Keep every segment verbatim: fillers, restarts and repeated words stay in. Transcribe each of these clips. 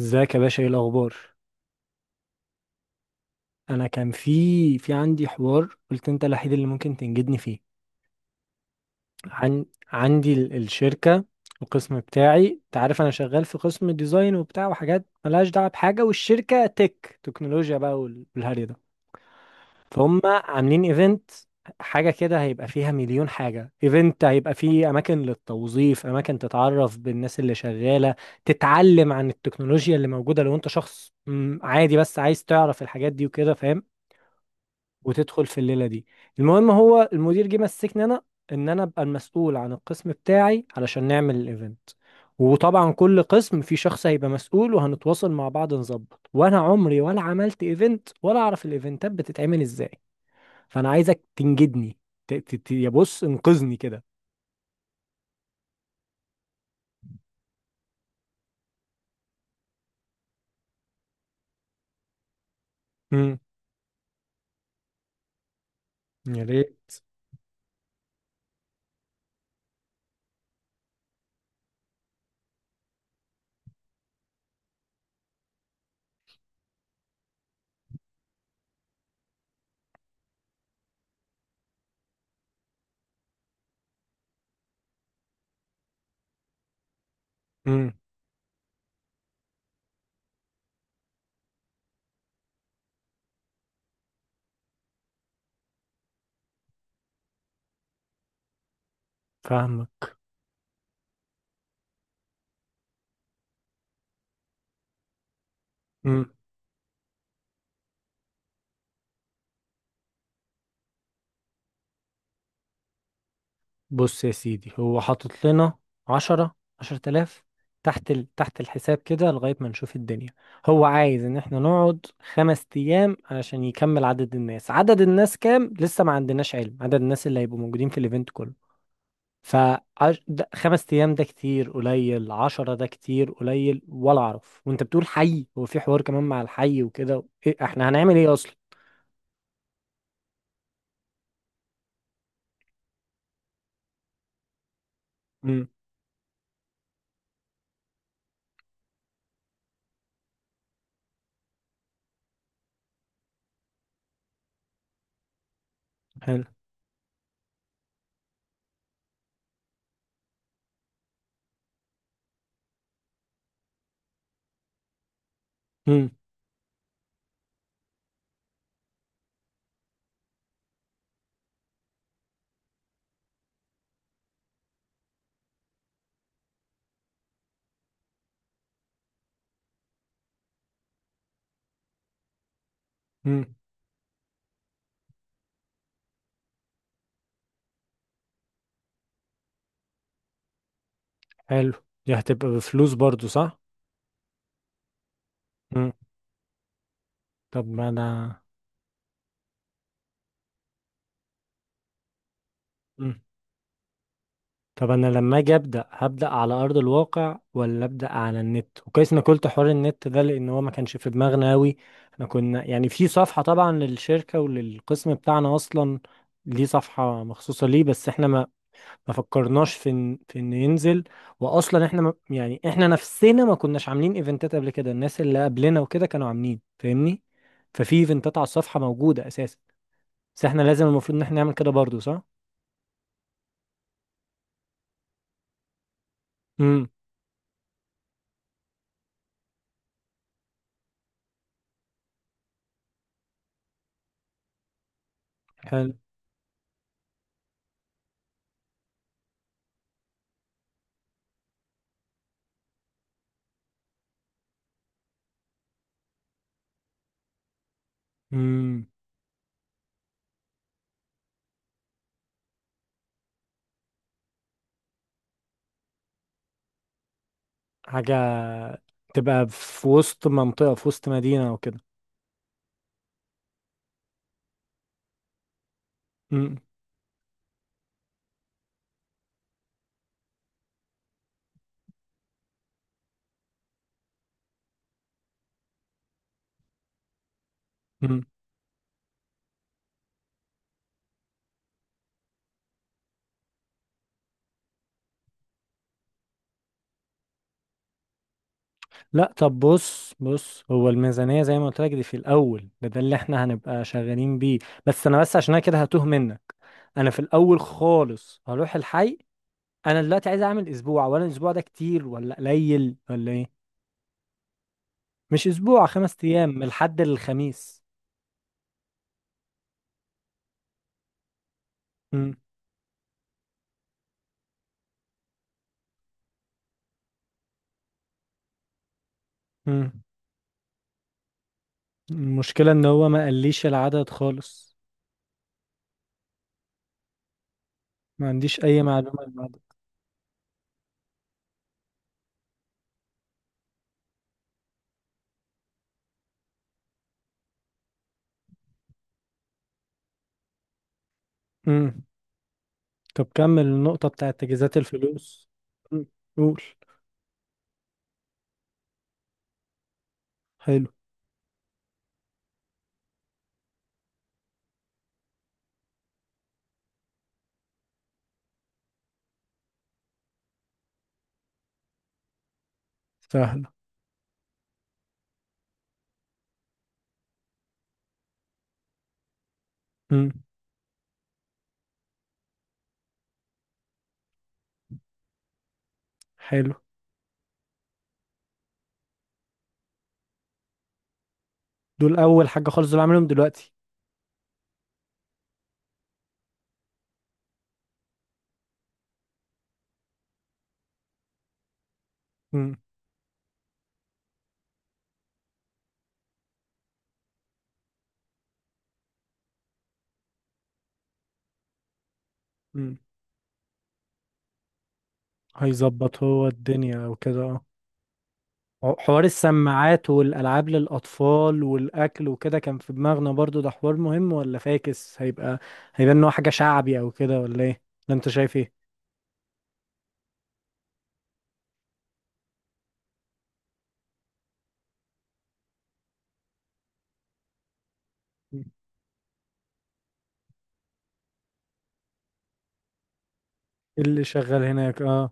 ازيك يا باشا؟ ايه الاخبار؟ انا كان في في عندي حوار، قلت انت الوحيد اللي ممكن تنجدني فيه. عن عندي ال- الشركه القسم بتاعي، انت عارف، انا شغال في قسم ديزاين وبتاع وحاجات ملهاش دعوه بحاجه، والشركه تك تكنولوجيا بقى وال- والهري ده. فهم عاملين ايفنت، حاجه كده هيبقى فيها مليون حاجه. ايفنت هيبقى فيه اماكن للتوظيف، اماكن تتعرف بالناس اللي شغاله، تتعلم عن التكنولوجيا اللي موجوده، لو انت شخص مم، عادي بس عايز تعرف الحاجات دي وكده، فاهم؟ وتدخل في الليله دي. المهم، هو المدير جه مسكني انا، ان انا ابقى المسؤول عن القسم بتاعي علشان نعمل الايفنت. وطبعا كل قسم في شخص هيبقى مسؤول وهنتواصل مع بعض نظبط. وانا عمري ولا عملت ايفنت ولا اعرف الايفنتات بتتعمل ازاي، فانا عايزك تنجدني. ت- ت- ت- يا، بص انقذني كده. امم. يا ريت. امم. فاهمك. بص يا سيدي، هو حاطط لنا عشرة عشرة آلاف تحت ال... تحت الحساب كده، لغاية ما نشوف الدنيا. هو عايز إن احنا نقعد خمس أيام علشان يكمل عدد الناس. عدد الناس كام؟ لسه ما عندناش علم عدد الناس اللي هيبقوا موجودين في الإيفنت كله. ف عش- ده- خمس أيام ده كتير قليل؟ عشرة ده كتير قليل ولا أعرف؟ وأنت بتقول حي، هو في حوار كمان مع الحي وكده، إيه احنا هنعمل إيه أصلا؟ امم. حلو. امم. امم. حلو. دي هتبقى بفلوس برضو، صح؟ طب ما انا. مم. طب انا لما اجي ابدا، هبدا على ارض الواقع ولا ابدا على النت؟ وكويس انك قلت حوار النت ده، لان هو ما كانش في دماغنا قوي. احنا كنا يعني في صفحه طبعا للشركه وللقسم بتاعنا اصلا. ليه صفحه مخصوصه ليه؟ بس احنا ما ما فكرناش في ان في انه ينزل. واصلا احنا ما يعني احنا نفسنا ما كناش عاملين ايفنتات قبل كده، الناس اللي قبلنا وكده كانوا عاملين، فاهمني؟ ففي ايفنتات على الصفحه موجوده اساسا. بس احنا لازم، المفروض ان احنا نعمل كده برضو، صح؟ امم. امم. حاجة تبقى في وسط منطقة، في وسط مدينة او كده. امم. امم. لا، طب، بص بص هو الميزانية زي ما قلت لك دي في الأول، ده ده اللي احنا هنبقى شغالين بيه. بس أنا، بس عشان أنا كده هتوه منك. أنا في الأول خالص هروح الحي. أنا دلوقتي عايز أعمل أسبوع، ولا الأسبوع ده كتير ولا قليل ولا إيه؟ مش أسبوع، خمس أيام من الحد للخميس. امم. امم. المشكلة إن هو ما قاليش العدد خالص. ما عنديش أي معلومة عن العدد. طب كمل النقطة بتاعت تجهيزات الفلوس. مم. قول. حلو. سهلة. مم. حلو. دول أول حاجة خالص، دول عاملهم دلوقتي. مم. مم. هيظبط هو الدنيا وكده، اه. ح- حوار السماعات والألعاب للأطفال والأكل وكده كان في دماغنا برضو، ده حوار مهم ولا فاكس؟ هيبقى هيبان إن هو حاجة شعبي أو كده، ولا إيه؟ ولا أنت شايف إيه؟ إيه اللي شغال هناك؟ اه.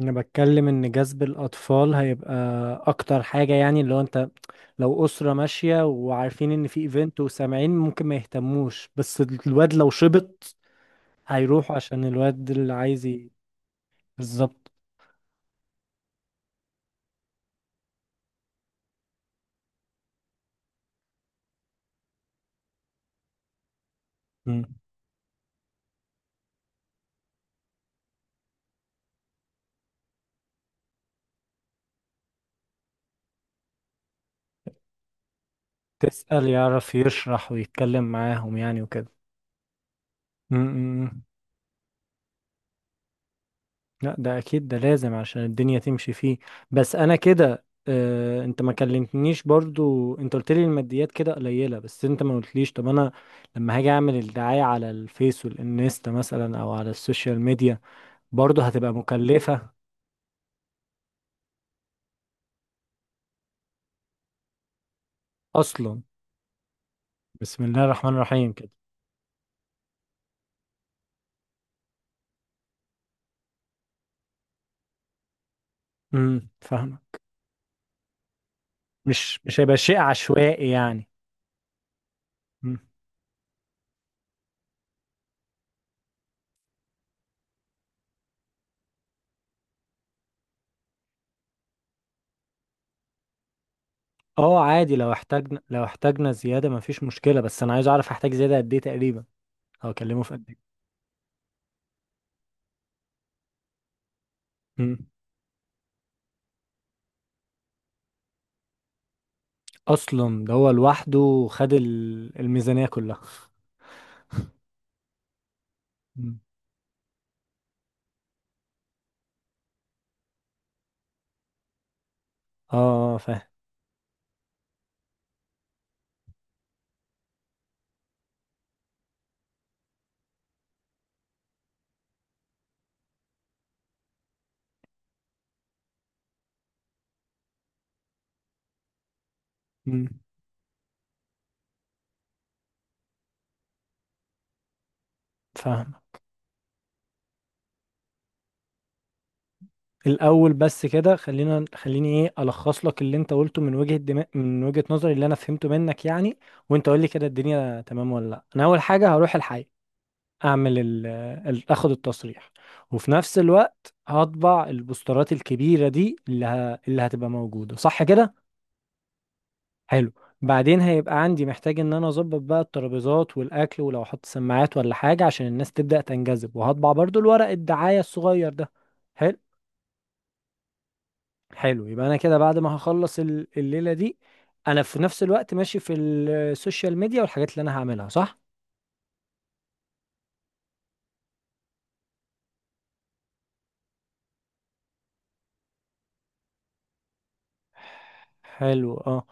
انا بتكلم ان جذب الاطفال هيبقى اكتر حاجة، يعني اللي هو انت، لو اسرة ماشية وعارفين ان في ايفنت وسامعين ممكن ما يهتموش، بس الواد لو شبط هيروحوا عشان الواد اللي عايز ي- بالظبط. مم. تسأل يعرف يشرح ويتكلم معاهم يعني وكده. مم. لا، ده اكيد ده لازم عشان الدنيا تمشي فيه. بس انا كده، آه، انت ما كلمتنيش برضو، انت قلت لي الماديات كده قليلة بس انت ما قلتليش، طب انا لما هاجي اعمل الدعاية على الفيس والانستا مثلا او على السوشيال ميديا، برضو هتبقى مكلفة؟ اصلا. بسم الله الرحمن الرحيم كده. امم، فاهمة. مش مش هيبقى شيء عشوائي يعني. مم. اه، عادي، لو احتاجنا لو احتاجنا زيادة ما فيش مشكلة، بس انا عايز اعرف هحتاج زيادة قد ايه تقريبا، او اكلمه في قد ايه؟ مم. اصلا ده هو لوحده خد ال- الميزانية كلها. مم. اه، فاهم. مم، فاهم. الاول بس كده، خلينا خليني ايه، الخص لك اللي انت قلته من وجهة دماغ من وجهة نظري اللي انا فهمته منك يعني، وانت قول لي كده الدنيا تمام ولا لا. انا اول حاجة هروح الحي، اعمل ال... ال... اخد التصريح، وفي نفس الوقت هطبع البوسترات الكبيرة دي اللي ه... اللي هتبقى موجودة، صح كده؟ حلو. بعدين هيبقى عندي محتاج ان انا اظبط بقى الترابيزات والاكل، ولو احط سماعات ولا حاجه عشان الناس تبدا تنجذب، وهطبع برضو الورق الدعايه الصغير ده. حلو. حلو، يبقى انا كده بعد ما هخلص ال- الليله دي، انا في نفس الوقت ماشي في السوشيال ميديا والحاجات اللي انا هعملها، صح؟ حلو، اه.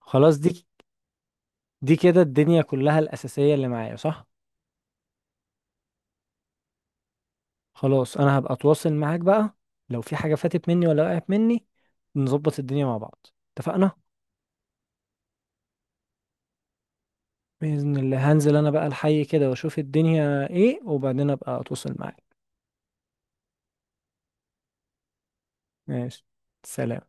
خلاص دي، دي كده الدنيا كلها الاساسيه اللي معايا، صح؟ خلاص انا هبقى اتواصل معاك بقى، لو في حاجه فاتت مني ولا وقعت مني، نظبط الدنيا مع بعض، اتفقنا؟ بإذن الله هنزل أنا بقى الحي كده وأشوف الدنيا إيه، وبعدين أبقى أتواصل معاك. ماشي. سلام.